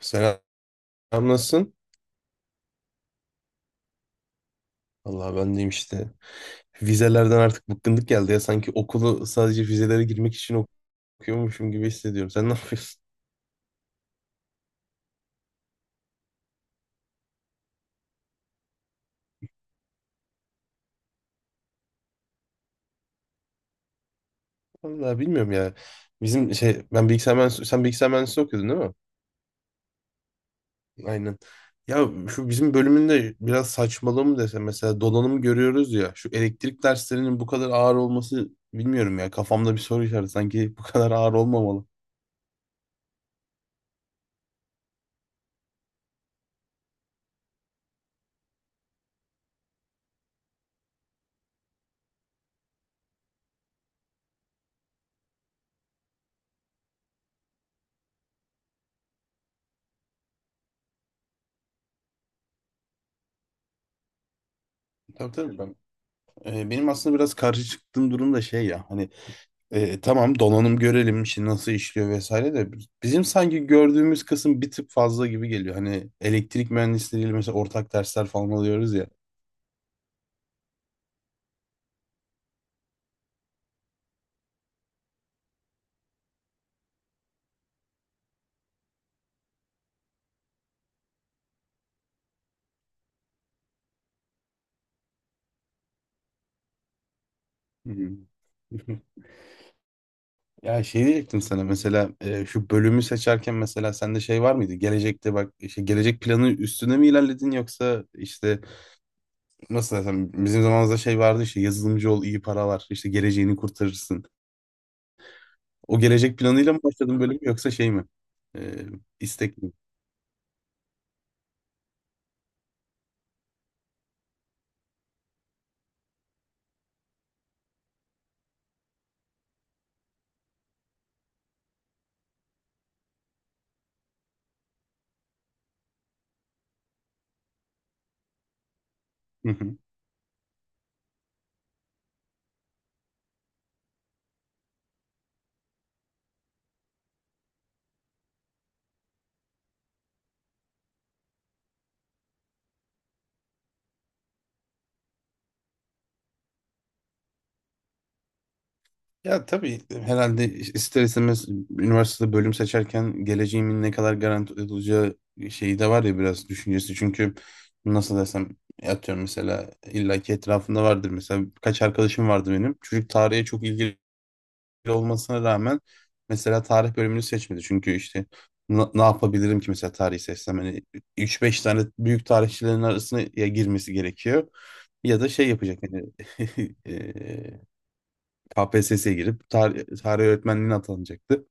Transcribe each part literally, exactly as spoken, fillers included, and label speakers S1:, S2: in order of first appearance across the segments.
S1: Selam, nasılsın? Allah ben deyim işte. Vizelerden artık bıkkınlık geldi ya. Sanki okulu sadece vizelere girmek için okuyormuşum gibi hissediyorum. Sen ne yapıyorsun? Vallahi bilmiyorum ya. Bizim şey ben bilgisayar mühendisliği, sen bilgisayar mühendisliği okuyordun değil mi? Aynen. Ya şu bizim bölümünde biraz saçmalığı mı desem, mesela donanım görüyoruz ya. Şu elektrik derslerinin bu kadar ağır olması bilmiyorum ya. Kafamda bir soru işareti, sanki bu kadar ağır olmamalı. Tabii tabii ben. E, benim aslında biraz karşı çıktığım durum da şey ya. Hani E, tamam donanım görelim işi nasıl işliyor vesaire de bizim sanki gördüğümüz kısım bir tık fazla gibi geliyor. Hani elektrik mühendisleriyle mesela ortak dersler falan alıyoruz ya. Hmm. Ya şey diyecektim sana mesela, e, şu bölümü seçerken mesela sende şey var mıydı? Gelecekte bak işte, gelecek planı üstüne mi ilerledin yoksa işte nasıl desem, bizim zamanımızda şey vardı işte, yazılımcı ol iyi para var işte geleceğini kurtarırsın. O gelecek planıyla mı başladın bölüm, yoksa şey mi? Ee, istek mi? Hı hı. Ya tabii herhalde ister istemez üniversitede bölüm seçerken geleceğimin ne kadar garanti olacağı şeyi de var ya, biraz düşüncesi. Çünkü nasıl desem, atıyorum mesela illaki etrafında vardır. Mesela kaç arkadaşım vardı benim. Çocuk tarihe çok ilgili olmasına rağmen mesela tarih bölümünü seçmedi. Çünkü işte na- ne yapabilirim ki mesela tarihi seçsem? Hani üç beş tane büyük tarihçilerin arasına ya girmesi gerekiyor ya da şey yapacak hani eee, K P S S'ye girip tarih, tarih öğretmenliğine atanacaktı.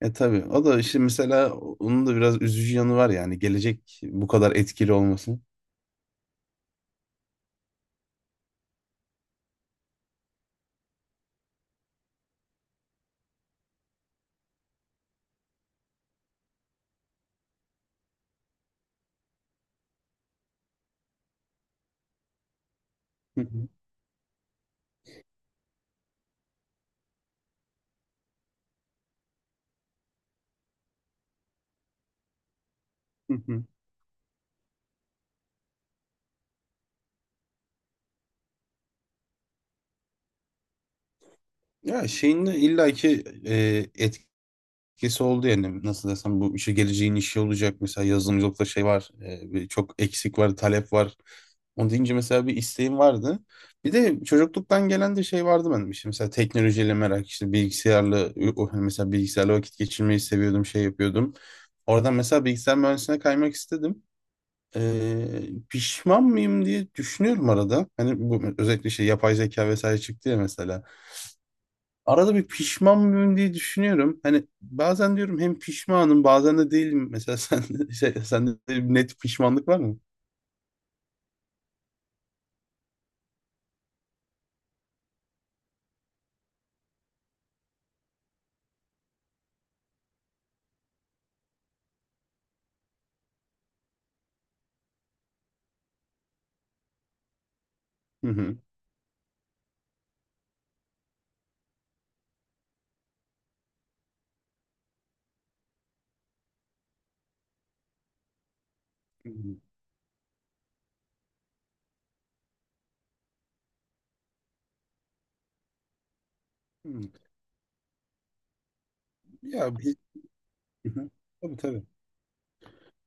S1: E tabii o da işte mesela onun da biraz üzücü yanı var, yani gelecek bu kadar etkili olmasın. Hı hı, hı hı. Ya şeyin de illaki e, etkisi oldu, yani nasıl desem, bu işe geleceğin işi olacak mesela, yazılımcılıkta şey var, e, bir çok eksik var talep var, onu deyince mesela bir isteğim vardı, bir de çocukluktan gelen de şey vardı benim, işte mesela teknolojiyle merak işte bilgisayarla o- hani mesela bilgisayarla vakit geçirmeyi seviyordum, şey yapıyordum, oradan mesela bilgisayar mühendisliğine kaymak istedim. E, Pişman mıyım diye düşünüyorum arada, hani bu özellikle şey yapay zeka vesaire çıktı ya mesela. Arada bir pişman mıyım diye düşünüyorum. Hani bazen diyorum hem pişmanım, bazen de değilim. Mesela sen şey, sende de bir net pişmanlık var mı? Hı hı. Hı hı. Hı. Ya biz, hı hı. Tabii tabii.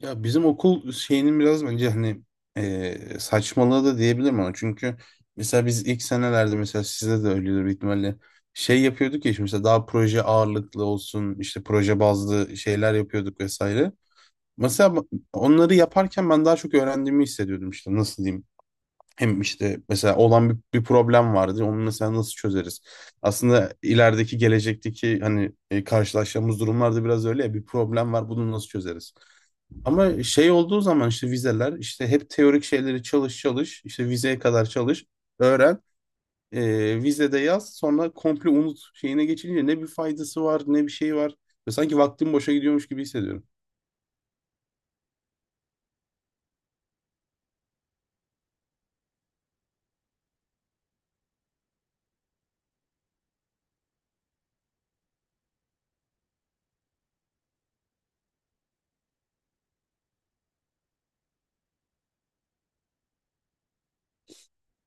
S1: Ya bizim okul şeyinin biraz bence hani e, saçmalığı da diyebilirim ona. Çünkü mesela biz ilk senelerde, mesela sizde de öyledir büyük ihtimalle, şey yapıyorduk ya işte, mesela daha proje ağırlıklı olsun, işte proje bazlı şeyler yapıyorduk vesaire. Mesela onları yaparken ben daha çok öğrendiğimi hissediyordum, işte nasıl diyeyim. Hem işte mesela olan bir, bir problem vardı. Onu mesela nasıl çözeriz? Aslında ilerideki gelecekteki hani e, karşılaşacağımız durumlarda biraz öyle ya, bir problem var bunu nasıl çözeriz? Ama şey olduğu zaman işte vizeler, işte hep teorik şeyleri çalış çalış işte vizeye kadar çalış, öğren, e, vizede yaz, sonra komple unut, şeyine geçince ne bir faydası var ne bir şey var. Ve sanki vaktim boşa gidiyormuş gibi hissediyorum.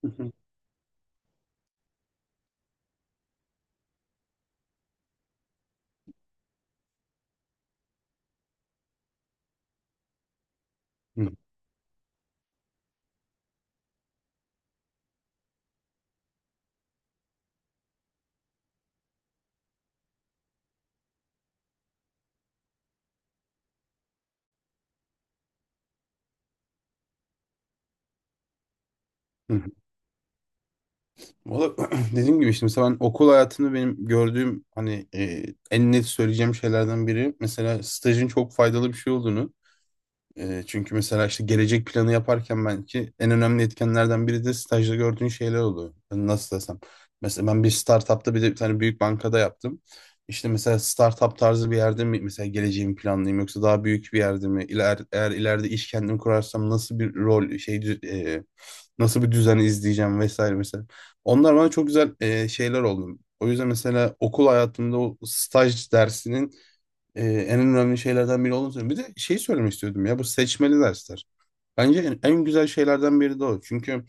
S1: Hı hı. Hı hı. Valla dediğim gibi işte, mesela ben okul hayatını benim gördüğüm hani e, en net söyleyeceğim şeylerden biri mesela stajın çok faydalı bir şey olduğunu, e, çünkü mesela işte gelecek planı yaparken belki en önemli etkenlerden biri de stajda gördüğün şeyler oluyor. Yani nasıl desem. Mesela ben bir startupta bir de bir tane büyük bankada yaptım. İşte mesela startup tarzı bir yerde mi mesela geleceğimi planlayayım yoksa daha büyük bir yerde mi? İler, eğer ileride iş kendim kurarsam nasıl bir rol şey dü- e, nasıl bir düzen izleyeceğim vesaire mesela. Onlar bana çok güzel e, şeyler oldu. O yüzden mesela okul hayatımda o staj dersinin e, en önemli şeylerden biri olduğunu söylüyorum. Bir de şeyi söylemek istiyordum ya, bu seçmeli dersler. Bence en, en güzel şeylerden biri de o. Çünkü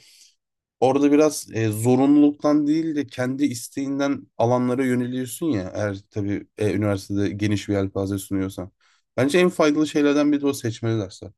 S1: orada biraz e, zorunluluktan değil de kendi isteğinden alanlara yöneliyorsun ya. Eğer tabii e, üniversitede geniş bir yelpaze sunuyorsan. Bence en faydalı şeylerden biri de o seçmeli dersler.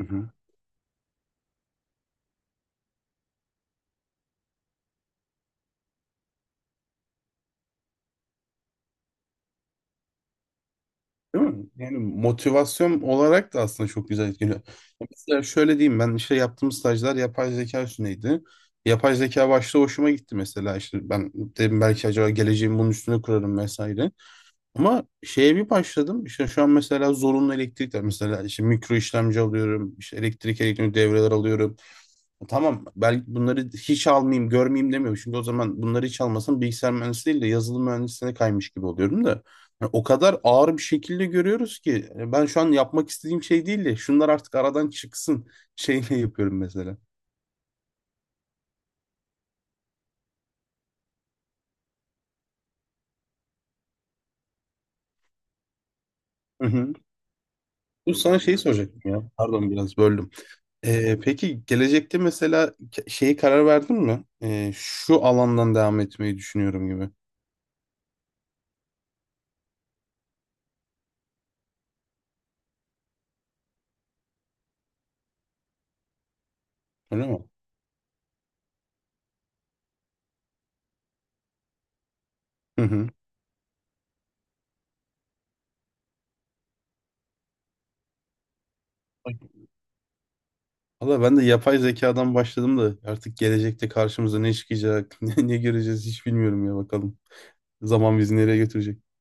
S1: Hı hı. Değil mi? Yani motivasyon olarak da aslında çok güzel etkiliyor. Mesela şöyle diyeyim, ben işte yaptığım stajlar yapay zeka üstüneydi. Yapay zeka başta hoşuma gitti, mesela işte ben dedim belki acaba geleceğimi bunun üstüne kurarım vesaire. Ama şeye bir başladım. İşte şu an mesela zorunlu elektrikler. Mesela işte mikro işlemci alıyorum, işte elektrik elektronik devreler alıyorum. Tamam, belki bunları hiç almayayım görmeyeyim demiyorum. Çünkü o zaman bunları hiç almasam bilgisayar mühendisi değil de yazılım mühendisliğine kaymış gibi oluyorum da. Yani o kadar ağır bir şekilde görüyoruz ki, yani ben şu an yapmak istediğim şey değil de şunlar artık aradan çıksın şeyle yapıyorum mesela. Hı hı. Bu sana şeyi soracaktım ya. Pardon biraz böldüm. Ee, peki gelecekte mesela ke- şeyi karar verdin mi? Ee, şu alandan devam etmeyi düşünüyorum gibi. Öyle mi? Hı hı. Valla ben de yapay zekadan başladım da artık gelecekte karşımıza ne çıkacak, ne, ne göreceğiz hiç bilmiyorum ya, bakalım. Zaman bizi nereye götürecek?